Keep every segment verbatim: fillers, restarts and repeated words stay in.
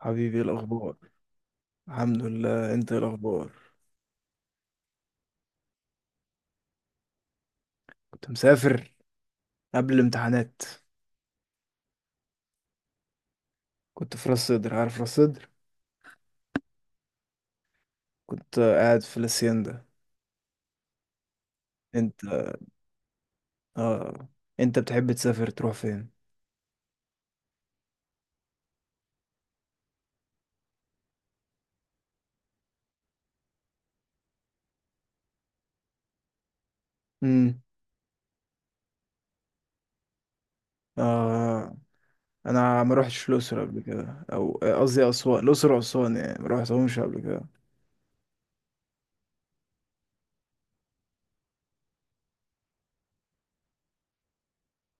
حبيبي، إيه الأخبار؟ الحمد لله. أنت إيه الأخبار؟ كنت مسافر قبل الامتحانات. كنت في راس سدر، عارف راس سدر؟ كنت قاعد في الاسيندا. أنت؟ آه. أنت بتحب تسافر تروح فين؟ امم. آه أنا ما روحتش الأقصر قبل كده أو آه، قصدي أسوان، الأقصر وأسوان يعني ما روحتهمش قبل كده.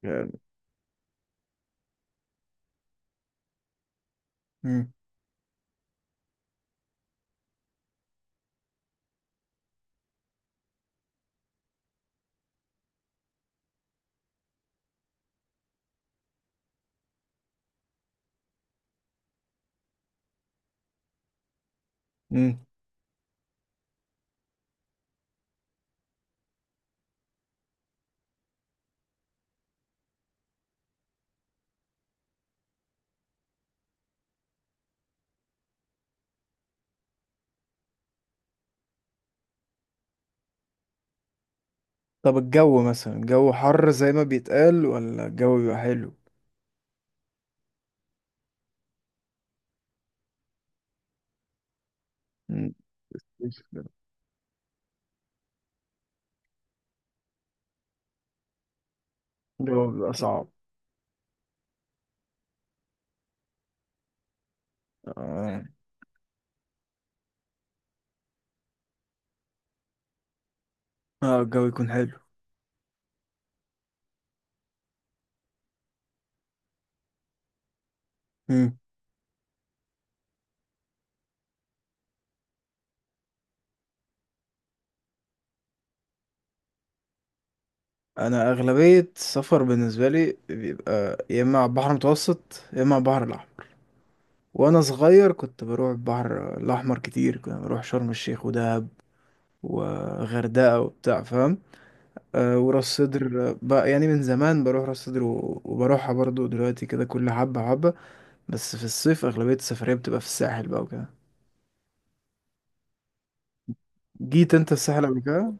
يعني. امم. امم. طب الجو مثلا، الجو حر زي ما بيتقال، ولا الجو بيبقى حلو؟ مم. الجو بيبقى صعب. آه. اه، الجو يكون حلو. مم. انا اغلبيه السفر بالنسبه لي بيبقى يا اما على البحر المتوسط يا اما على البحر الاحمر. وانا صغير كنت بروح البحر الاحمر كتير، كنت بروح شرم الشيخ ودهب وغردقه وبتاع، فاهم؟ أه، وراس صدر آه، بقى يعني من زمان بروح راس صدر و- وبروحها برضو دلوقتي كده، كل حبه حبه. بس في الصيف اغلبيه السفريه بتبقى في الساحل بقى وكده. جيت انت الساحل قبل كده انا؟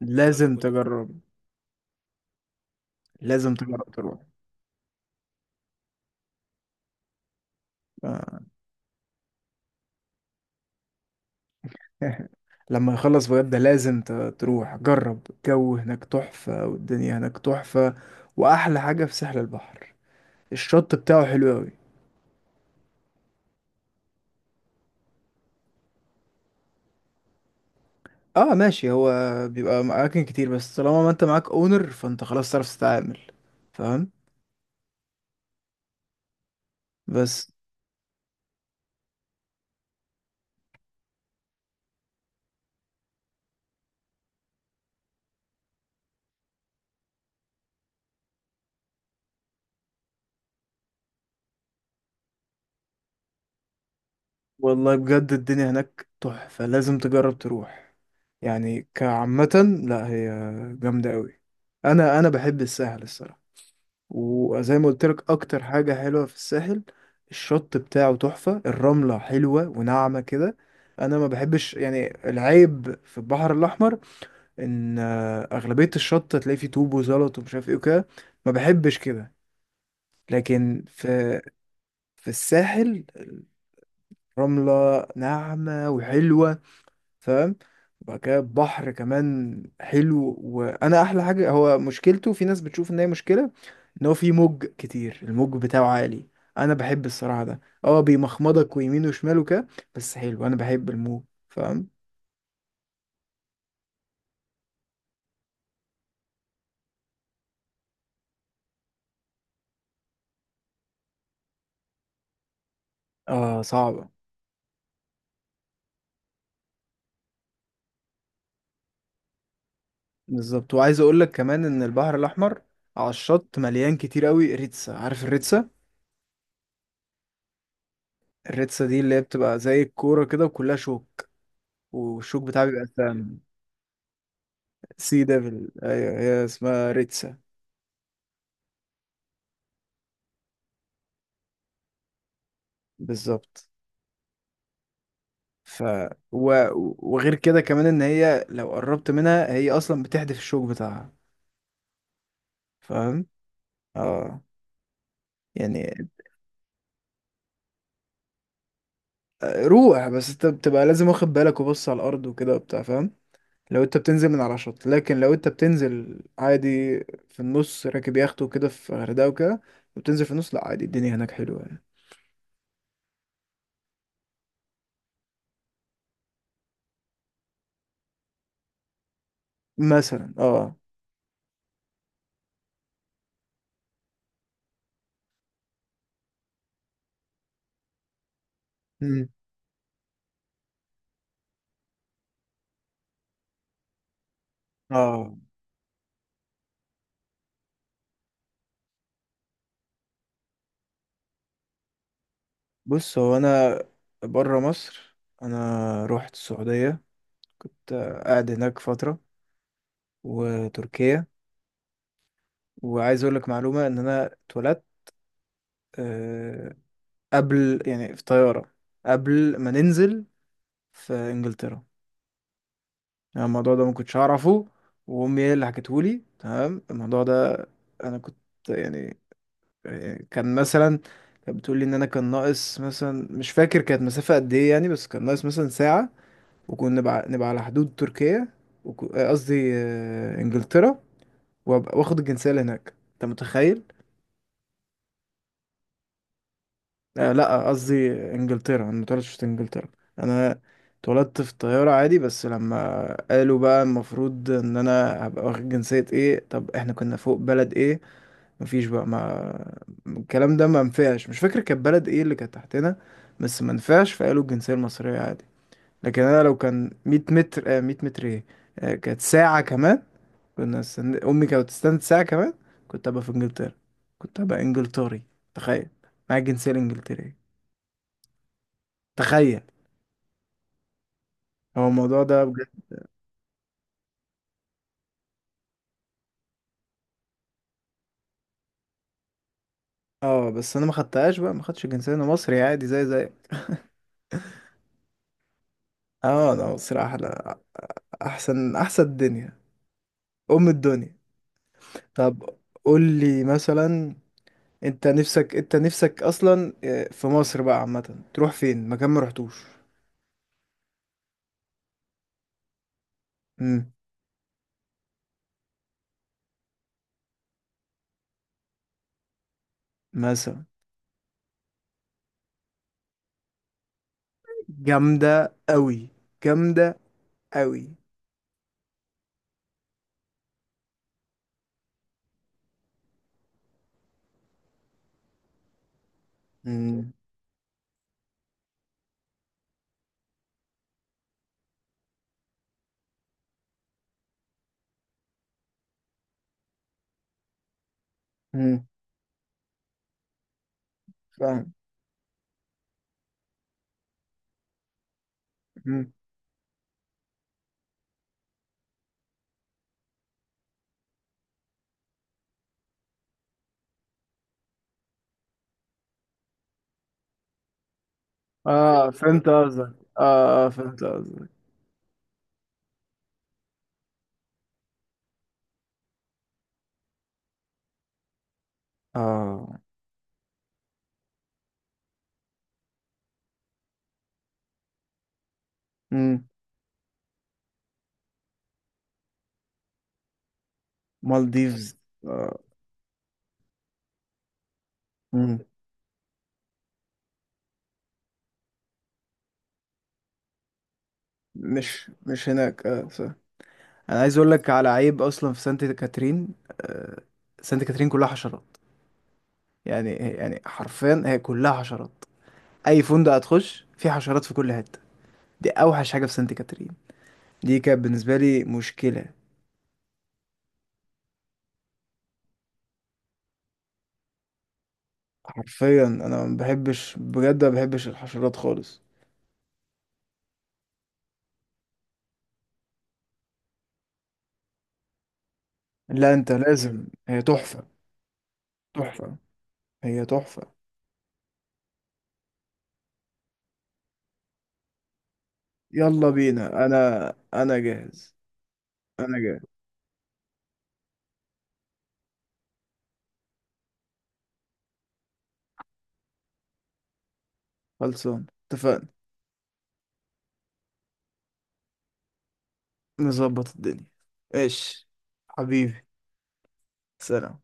لازم كنت تجرب. لازم تجرب تروح. آه. لما يخلص بجد، لازم ت- تروح جرب الجو هناك تحفة، والدنيا هناك تحفة. وأحلى حاجة في ساحل البحر، الشط بتاعه حلو أوي. اه ماشي، هو بيبقى أماكن كتير بس طالما ما انت معاك اونر فانت خلاص تعرف تتعامل. فاهم؟ بس والله بجد الدنيا هناك تحفة، لازم تجرب تروح. يعني كعامة، لا هي جامدة أوي. أنا أنا بحب الساحل الصراحة. وزي ما قلت لك، اكتر حاجة حلوة في الساحل، الشط بتاعه تحفة، الرملة حلوة وناعمة كده. انا ما بحبش يعني، العيب في البحر الاحمر ان آه، اغلبية الشط تلاقي فيه طوب وزلط ومش عارف ايه وكده. ما بحبش كده. لكن في في الساحل، الرملة ناعمة وحلوة. فاهم؟ وبعد كده بحر كمان حلو، وانا احلى حاجه هو، مشكلته في ناس بتشوف ان هي مشكله، ان هو في موج كتير، الموج بتاعه عالي. انا بحب الصراحه، ده اه بيمخمضك ويمين وشمال وكده. بس حلو، انا بحب الموج. فاهم؟ اه صعبه. بالظبط. وعايز اقول لك كمان ان البحر الاحمر على الشط مليان كتير قوي ريتسا، عارف الريتسا؟ الريتسا دي اللي هي بتبقى زي الكوره كده، وكلها شوك، والشوك بتاعها بيبقى سام. سي ديفل، ايوه، هي اسمها ريتسا. بالظبط. ف و... وغير كده كمان، ان هي لو قربت منها هي اصلا بتحدف الشوك بتاعها. فاهم؟ اه. يعني. روح بس انت بتبقى لازم واخد بالك وبص على الارض وكده وبتاع، فاهم؟ لو انت بتنزل من على شط، لكن لو انت بتنزل عادي في النص راكب يخت وكده في غردقة وكده، وبتنزل في النص لا عادي، الدنيا هناك حلوة يعني. مثلا، اه. مم. اه بص، هو انا بره مصر انا روحت السعودية. كنت قاعد هناك فترة، وتركيا. وعايز اقول لك معلومة، ان انا اتولدت آه، قبل يعني في طيارة قبل ما ننزل في انجلترا. يعني الموضوع ده ما كنتش اعرفه، وامي هي اللي حكته لي، تمام الموضوع ده. انا كنت يعني يعني كان مثلا. كانت بتقول لي ان انا كان ناقص مثلا، مش فاكر كانت مسافة قد ايه يعني، بس كان ناقص مثلا ساعة. وكنا نبقى نبقى على حدود تركيا. وك- آه، قصدي آه، انجلترا. وابقى واخد الجنسية اللي هناك، انت متخيل؟ آه لا، قصدي انجلترا، انا متولدتش في انجلترا. انا اتولدت في طيارة عادي، بس لما قالوا بقى المفروض ان انا هبقى واخد جنسية ايه، طب احنا كنا فوق بلد ايه؟ مفيش بقى، ما الكلام ده ما نفعش، مش فاكر كانت بلد ايه اللي كانت تحتنا. بس ما نفعش، فقالوا الجنسية المصرية عادي. لكن انا لو كان مية متر، آه مية متر ايه، آه، كانت ساعة كمان. كنا استن... امي كانت تستنى ساعة كمان. كنت هبقى في انجلترا، كنت هبقى انجلتري، تخيل، معايا الجنسية الانجلترية، تخيل. هو الموضوع ده بجد. اه بس انا ما خدتهاش بقى، ما خدتش الجنسيه، انا مصري عادي، زي زي اه، انا مصري احلى. احسن احسن الدنيا. ام الدنيا. طب قول لي مثلا، انت نفسك انت نفسك اصلا آه، في مصر بقى عامه تروح فين مكان ما رحتوش؟ امم. مثلا. جامده قوي. جامده قوي. امم. امم. فاهم. امم. اه فهمت قصدك، اه، آه، فهمت قصدك اه. امم. مالديفز. اه، مش مش هناك، اه، صح. انا عايز اقول لك على عيب اصلا في سانت كاترين. آه، سانت كاترين كلها حشرات. يعني يعني حرفيا هي كلها حشرات. اي فندق هتخش فيه حشرات في كل حته. دي اوحش حاجه في سانت كاترين. دي كانت بالنسبه لي مشكله. حرفيا انا ما بحبش بجد، ما بحبش الحشرات خالص. لا انت لازم، هي تحفه. تحفه. هي تحفه. يلا بينا انا. انا جاهز. انا جاهز. خلصان. اتفقنا. نظبط الدنيا. ماشي. حبيبي. سلام.